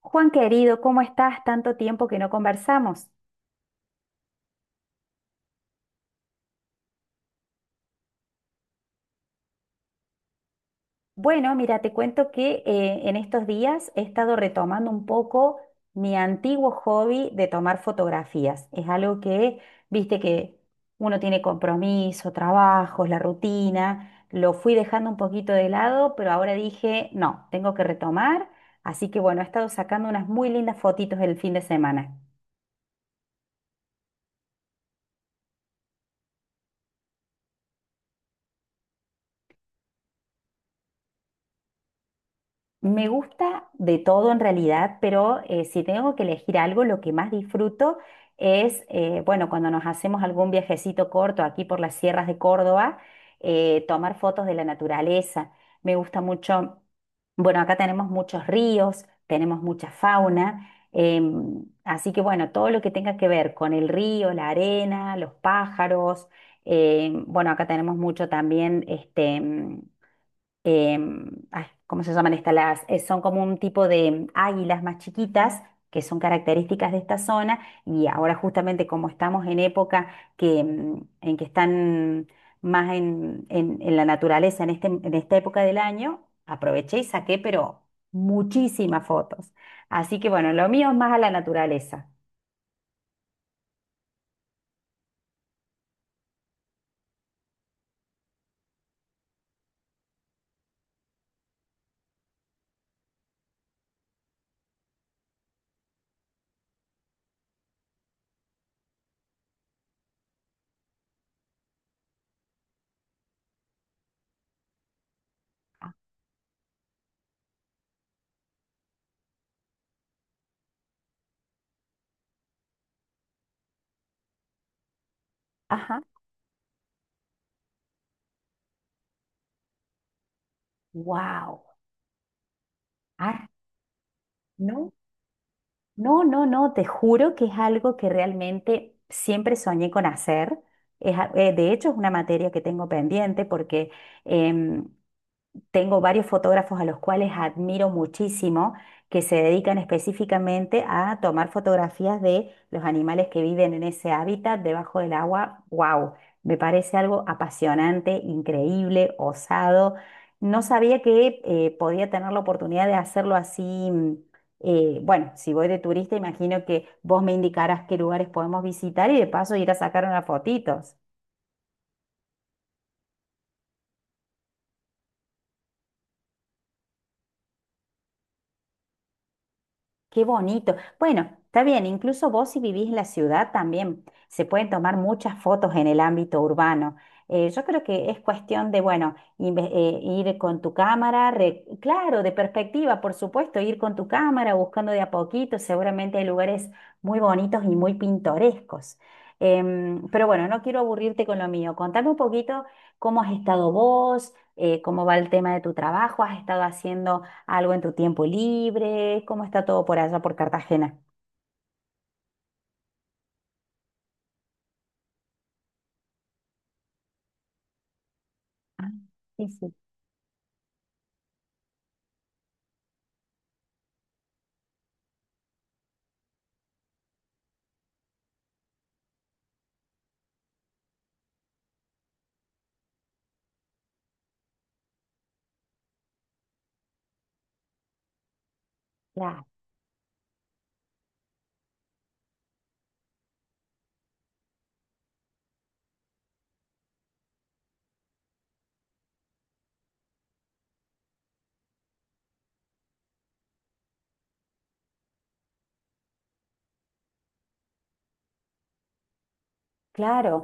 Juan querido, ¿cómo estás? Tanto tiempo que no conversamos. Bueno, mira, te cuento que en estos días he estado retomando un poco mi antiguo hobby de tomar fotografías. Es algo que, viste que uno tiene compromiso, trabajos, la rutina. Lo fui dejando un poquito de lado, pero ahora dije, no, tengo que retomar. Así que bueno, he estado sacando unas muy lindas fotitos el fin de semana. Me gusta de todo en realidad, pero si tengo que elegir algo, lo que más disfruto es, bueno, cuando nos hacemos algún viajecito corto aquí por las sierras de Córdoba, tomar fotos de la naturaleza. Me gusta mucho, bueno, acá tenemos muchos ríos, tenemos mucha fauna, así que bueno, todo lo que tenga que ver con el río, la arena, los pájaros, bueno, acá tenemos mucho también, este ay, ¿cómo se llaman estas? Las, son como un tipo de águilas más chiquitas que son características de esta zona y ahora justamente como estamos en época que, en que están más en la naturaleza en, este, en esta época del año, aproveché y saqué, pero muchísimas fotos. Así que bueno, lo mío es más a la naturaleza. Ajá. Wow. Ah, no. No, no, no, te juro que es algo que realmente siempre soñé con hacer. Es de hecho, es una materia que tengo pendiente porque em, tengo varios fotógrafos a los cuales admiro muchísimo, que se dedican específicamente a tomar fotografías de los animales que viven en ese hábitat debajo del agua. ¡Wow! Me parece algo apasionante, increíble, osado. No sabía que podía tener la oportunidad de hacerlo así. mm, bueno, si voy de turista, imagino que vos me indicarás qué lugares podemos visitar y de paso ir a sacar unas fotitos. Qué bonito. Bueno, está bien, incluso vos si vivís en la ciudad también se pueden tomar muchas fotos en el ámbito urbano. Yo creo que es cuestión de, bueno, ir con tu cámara, re- claro, de perspectiva, por supuesto, ir con tu cámara buscando de a poquito, seguramente hay lugares muy bonitos y muy pintorescos. Pero bueno, no quiero aburrirte con lo mío. Contame un poquito cómo has estado vos, ¿cómo va el tema de tu trabajo, has estado haciendo algo en tu tiempo libre? ¿Cómo está todo por allá por Cartagena? Ah, sí, sí, claro, claro.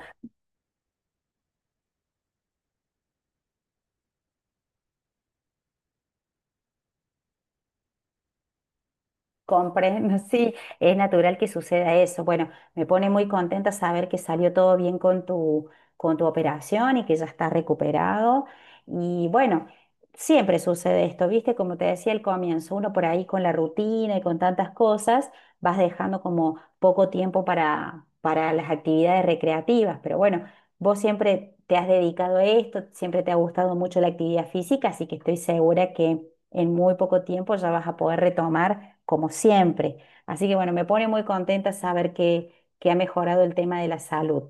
Comprendo, sí, es natural que suceda eso. Bueno, me pone muy contenta saber que salió todo bien con tu operación y que ya está recuperado. Y bueno, siempre sucede esto, ¿viste? Como te decía al comienzo, uno por ahí con la rutina y con tantas cosas, vas dejando como poco tiempo para las actividades recreativas. Pero bueno, vos siempre te has dedicado a esto, siempre te ha gustado mucho la actividad física, así que estoy segura que en muy poco tiempo ya vas a poder retomar como siempre. Así que bueno, me pone muy contenta saber que ha mejorado el tema de la salud.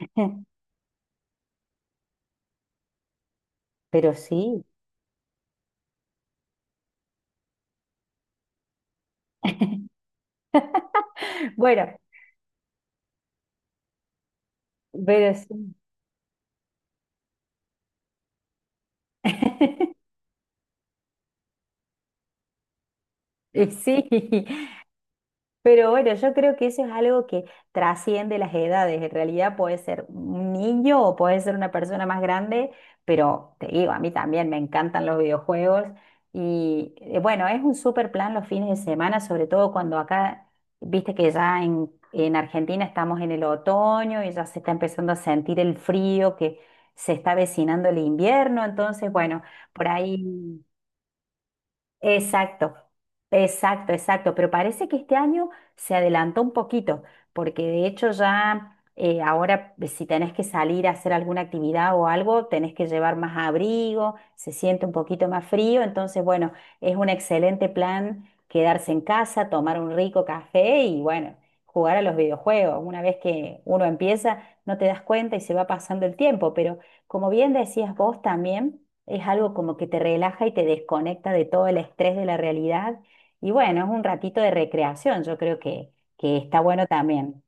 Pero sí, bueno, pero sí. Y sí, pero bueno, yo creo que eso es algo que trasciende las edades. En realidad puede ser un niño o puede ser una persona más grande, pero te digo, a mí también me encantan los videojuegos. Y bueno, es un super plan los fines de semana, sobre todo cuando acá, viste que ya en Argentina estamos en el otoño y ya se está empezando a sentir el frío, que se está avecinando el invierno. Entonces, bueno, por ahí. Exacto, exacto, exacto. Pero parece que este año se adelantó un poquito, porque de hecho ya ahora si tenés que salir a hacer alguna actividad o algo, tenés que llevar más abrigo, se siente un poquito más frío. Entonces, bueno, es un excelente plan quedarse en casa, tomar un rico café y bueno, jugar a los videojuegos. Una vez que uno empieza, no te das cuenta y se va pasando el tiempo. Pero como bien decías vos también. Es algo como que te relaja y te desconecta de todo el estrés de la realidad. Y bueno, es un ratito de recreación, yo creo que está bueno también.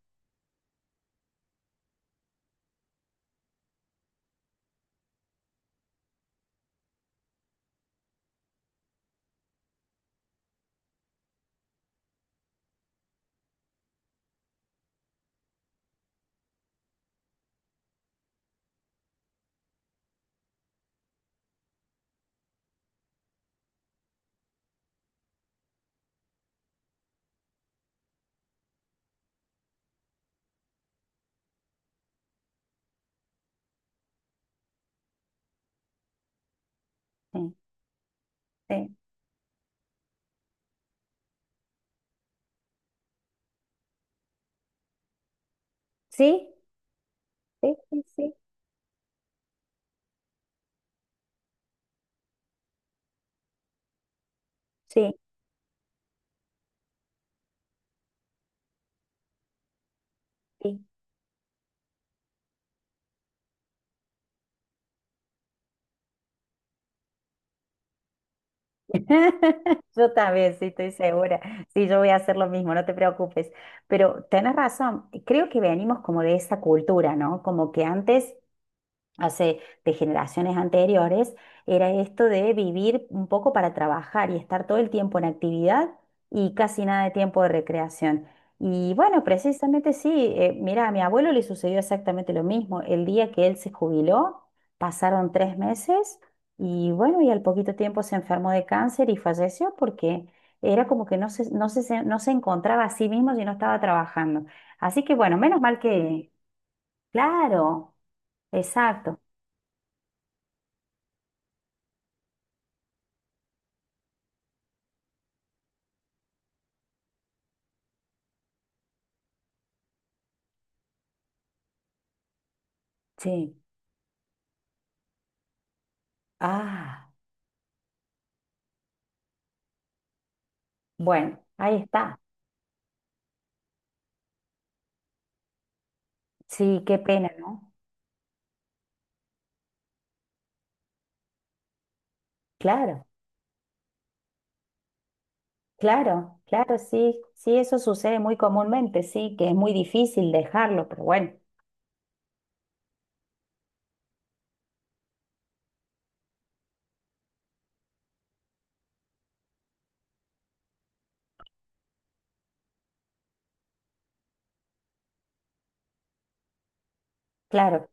Sí, sí, sí, sí, sí, sí. Sí, sí. Yo también, sí, estoy segura. Sí, yo voy a hacer lo mismo, no te preocupes. Pero tenés razón, creo que venimos como de esa cultura, ¿no? Como que antes hace de generaciones anteriores, era esto de vivir un poco para trabajar y estar todo el tiempo en actividad y casi nada de tiempo de recreación. Y bueno, precisamente sí, mira, a mi abuelo le sucedió exactamente lo mismo. El día que él se jubiló, pasaron tres meses y bueno, y al poquito tiempo se enfermó de cáncer y falleció porque era como que no se encontraba a sí mismo si no estaba trabajando. Así que bueno, menos mal que, claro, exacto, sí. Ah, bueno, ahí está. Sí, qué pena, ¿no? Claro, claro, claro, sí, sí, eso sucede muy comúnmente, sí, que es muy difícil dejarlo, pero bueno, claro,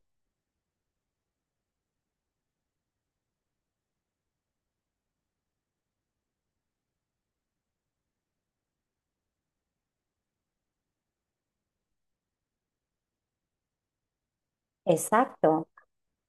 exacto.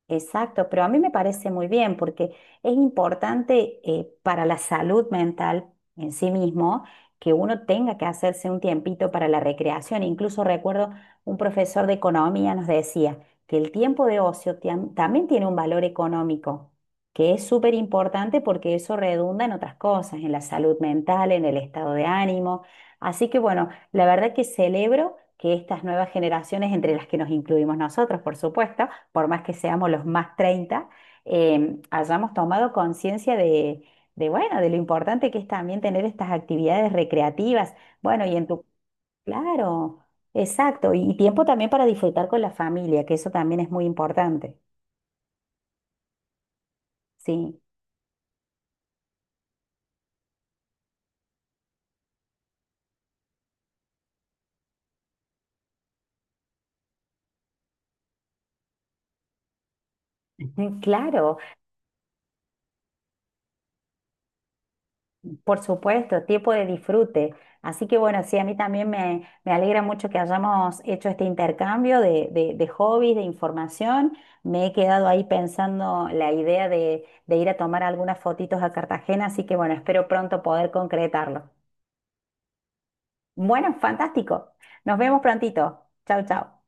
Exacto, pero a mí me parece muy bien porque es importante para la salud mental en sí mismo que uno tenga que hacerse un tiempito para la recreación. Incluso recuerdo un profesor de economía nos decía que el tiempo de ocio también tiene un valor económico, que es súper importante porque eso redunda en otras cosas, en la salud mental, en el estado de ánimo. Así que bueno, la verdad que celebro que estas nuevas generaciones, entre las que nos incluimos nosotros, por supuesto, por más que seamos los más 30, hayamos tomado conciencia de, bueno, de lo importante que es también tener estas actividades recreativas. Bueno, y en tu, claro, exacto, y tiempo también para disfrutar con la familia, que eso también es muy importante. Sí, claro. Por supuesto, tiempo de disfrute. Así que bueno, sí, a mí también me alegra mucho que hayamos hecho este intercambio de hobbies, de información. Me he quedado ahí pensando la idea de ir a tomar algunas fotitos a Cartagena, así que bueno, espero pronto poder concretarlo. Bueno, fantástico. Nos vemos prontito. Chau, chau.